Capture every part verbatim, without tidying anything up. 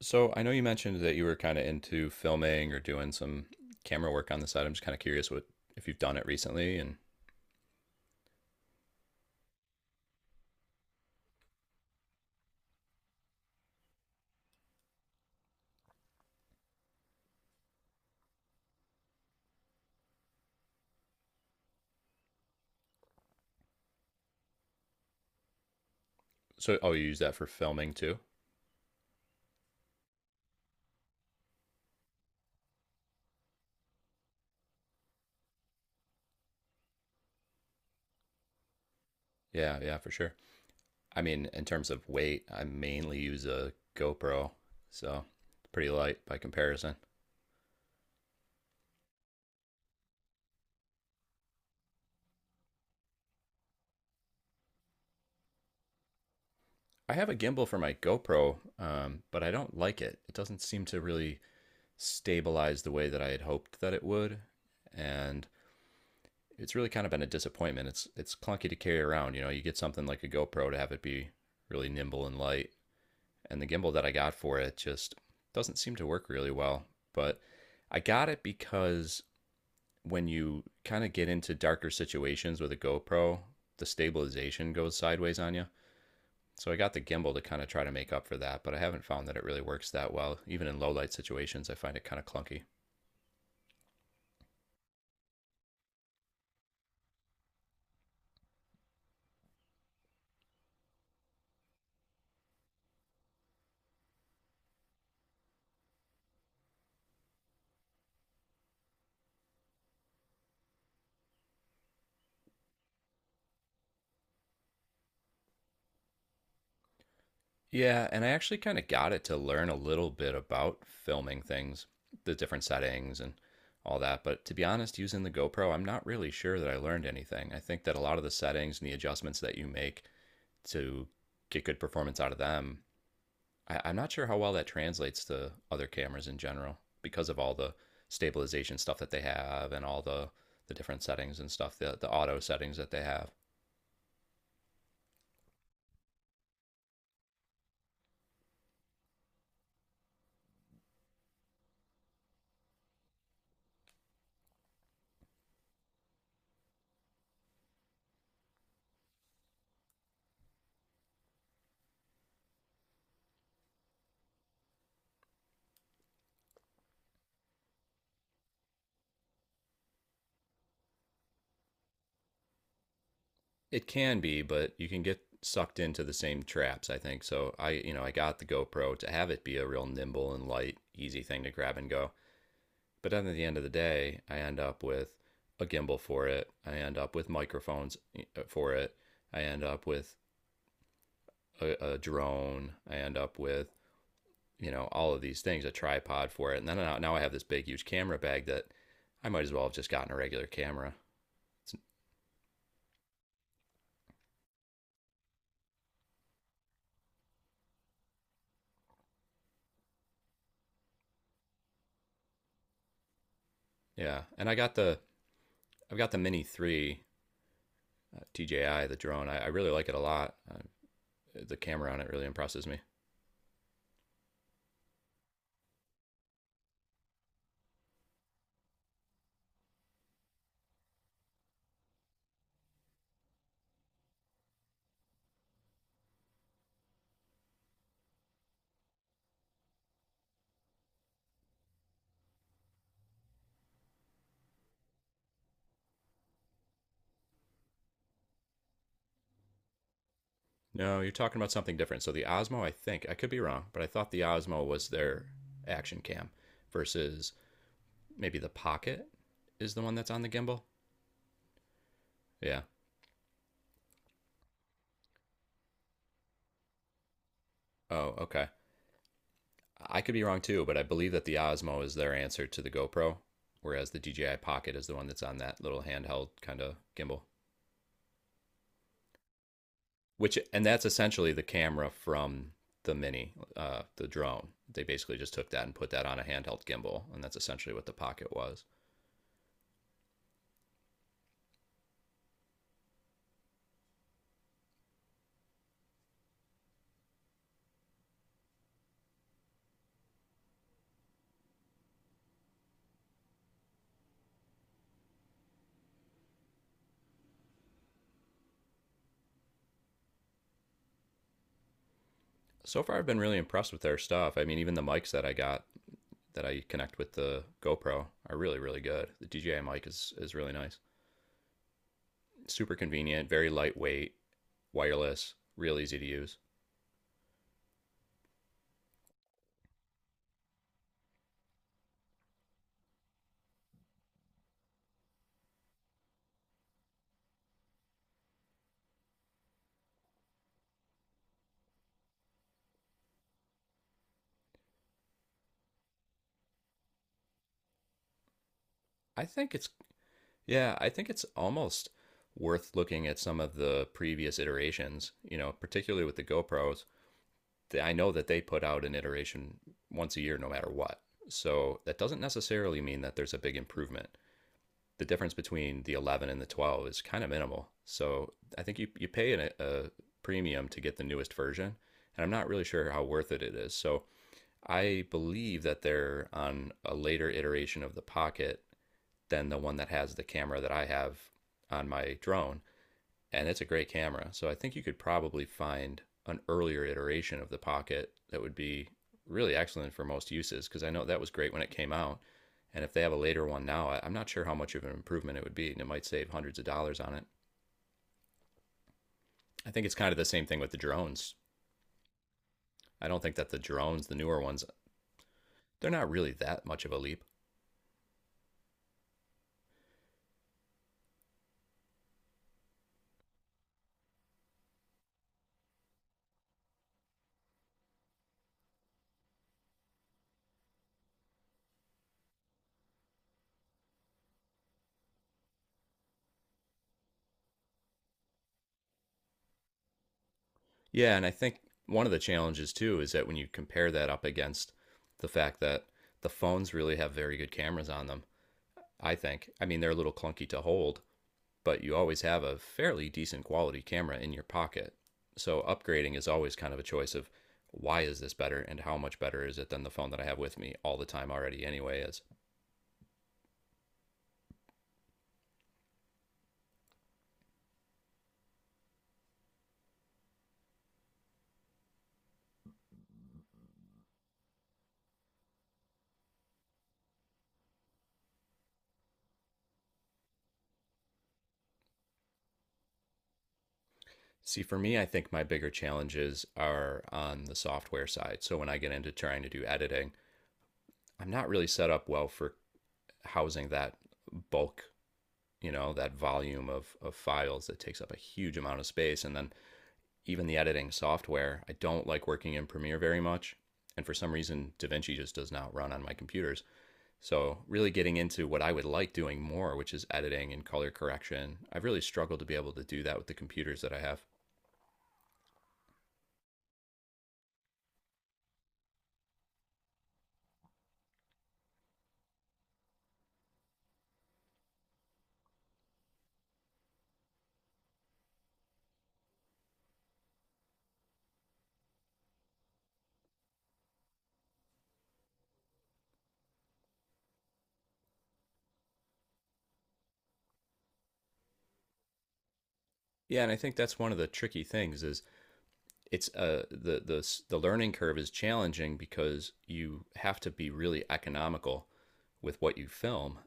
So I know you mentioned that you were kind of into filming or doing some camera work on the side. I'm just kind of curious what if you've done it recently and so oh you use that for filming too? Yeah, yeah, for sure. I mean, in terms of weight, I mainly use a GoPro, so it's pretty light by comparison. I have a gimbal for my GoPro, um, but I don't like it. It doesn't seem to really stabilize the way that I had hoped that it would, and it's really kind of been a disappointment. It's it's clunky to carry around. You know, you get something like a GoPro to have it be really nimble and light, and the gimbal that I got for it just doesn't seem to work really well. But I got it because when you kind of get into darker situations with a GoPro, the stabilization goes sideways on you. So I got the gimbal to kind of try to make up for that, but I haven't found that it really works that well. Even in low light situations, I find it kind of clunky. Yeah, and I actually kind of got it to learn a little bit about filming things, the different settings and all that. But to be honest, using the GoPro, I'm not really sure that I learned anything. I think that a lot of the settings and the adjustments that you make to get good performance out of them, I, I'm not sure how well that translates to other cameras in general because of all the stabilization stuff that they have and all the the different settings and stuff, the the auto settings that they have. It can be, but you can get sucked into the same traps, I think. So I, you know, I got the GoPro to have it be a real nimble and light, easy thing to grab and go. But then at the end of the day, I end up with a gimbal for it. I end up with microphones eh, uh, for it. I end up with a, a drone. I end up with, you know, all of these things, a tripod for it. And then now, now I have this big, huge camera bag that I might as well have just gotten a regular camera. Yeah. And I got the, I've got the Mini three uh, D J I, the drone. I, I really like it a lot. Uh, the camera on it really impresses me. No, you're talking about something different. So the Osmo, I think I could be wrong, but I thought the Osmo was their action cam versus maybe the Pocket is the one that's on the gimbal. Yeah. Oh, okay. I could be wrong too, but I believe that the Osmo is their answer to the GoPro, whereas the D J I Pocket is the one that's on that little handheld kind of gimbal. Which and that's essentially the camera from the mini uh, the drone. They basically just took that and put that on a handheld gimbal, and that's essentially what the Pocket was. So far I've been really impressed with their stuff. I mean, even the mics that I got that I connect with the GoPro are really really good. The DJI mic is, is really nice, super convenient, very lightweight, wireless, real easy to use. I think it's Yeah, I think it's almost worth looking at some of the previous iterations, you know, particularly with the GoPros. I know that they put out an iteration once a year, no matter what. So that doesn't necessarily mean that there's a big improvement. The difference between the eleven and the twelve is kind of minimal. So I think you, you pay an, a premium to get the newest version, and I'm not really sure how worth it it is. So I believe that they're on a later iteration of the Pocket than the one that has the camera that I have on my drone, and it's a great camera. So I think you could probably find an earlier iteration of the Pocket that would be really excellent for most uses, because I know that was great when it came out. And if they have a later one now, I- am not sure how much of an improvement it would be, and it might save hundreds of dollars on it. I think it's kind of the same thing with the drones. I don't think that the drones, the newer ones, they're not really that much of a leap. Yeah, and I think one of the challenges too is that when you compare that up against the fact that the phones really have very good cameras on them, I think. I mean, they're a little clunky to hold, but you always have a fairly decent quality camera in your pocket. So upgrading is always kind of a choice of why is this better and how much better is it than the phone that I have with me all the time already anyway is. See, for me, I think my bigger challenges are on the software side. So when I get into trying to do editing, I'm not really set up well for housing that bulk, you know, that volume of, of files that takes up a huge amount of space. And then even the editing software. I don't like working in Premiere very much. And for some reason, DaVinci just does not run on my computers. So really getting into what I would like doing more, which is editing and color correction, I've really struggled to be able to do that with the computers that I have. Yeah, and I think that's one of the tricky things is it's uh the the the learning curve is challenging because you have to be really economical with what you film,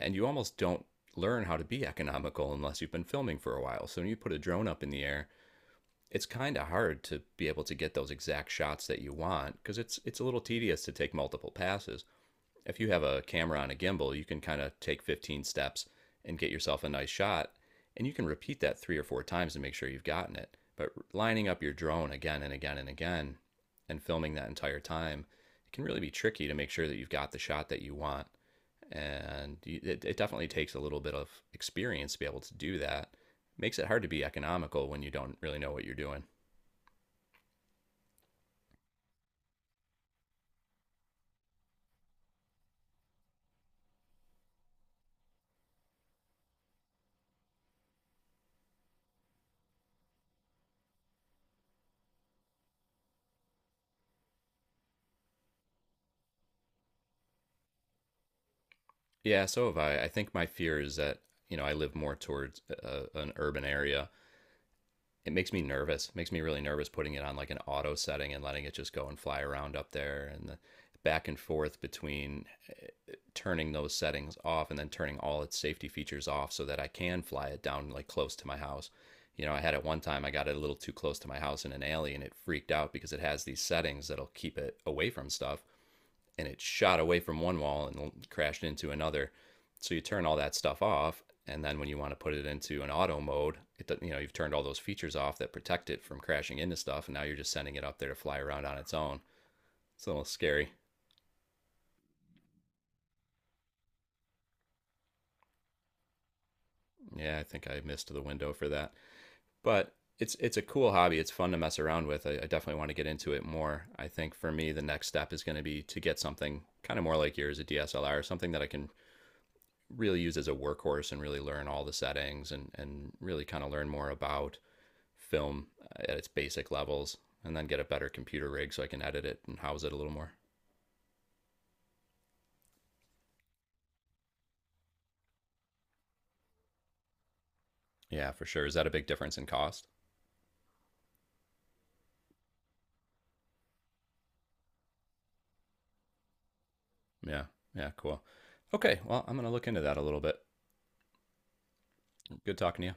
and you almost don't learn how to be economical unless you've been filming for a while. So when you put a drone up in the air, it's kind of hard to be able to get those exact shots that you want because it's it's a little tedious to take multiple passes. If you have a camera on a gimbal, you can kind of take fifteen steps and get yourself a nice shot, and you can repeat that three or four times to make sure you've gotten it. But lining up your drone again and again and again and filming that entire time, it can really be tricky to make sure that you've got the shot that you want. And it, it definitely takes a little bit of experience to be able to do that. It makes it hard to be economical when you don't really know what you're doing. Yeah, so have I. I think my fear is that, you know, I live more towards uh, an urban area. It makes me nervous. It makes me really nervous putting it on like an auto setting and letting it just go and fly around up there, and the back and forth between uh, turning those settings off and then turning all its safety features off so that I can fly it down like close to my house. You know, I had it one time, I got it a little too close to my house in an alley and it freaked out because it has these settings that'll keep it away from stuff and it shot away from one wall and crashed into another. So you turn all that stuff off, and then when you want to put it into an auto mode, it you know you've turned all those features off that protect it from crashing into stuff, and now you're just sending it up there to fly around on its own. It's a little scary. Yeah, I think I missed the window for that, but it's it's a cool hobby. It's fun to mess around with. I, I definitely want to get into it more. I think for me, the next step is going to be to get something kind of more like yours, a D S L R, something that I can really use as a workhorse and really learn all the settings, and, and really kind of learn more about film at its basic levels, and then get a better computer rig so I can edit it and house it a little more. Yeah, for sure. Is that a big difference in cost? Yeah. Yeah, cool. Okay, well, I'm going to look into that a little bit. Good talking to you.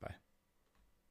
Bye.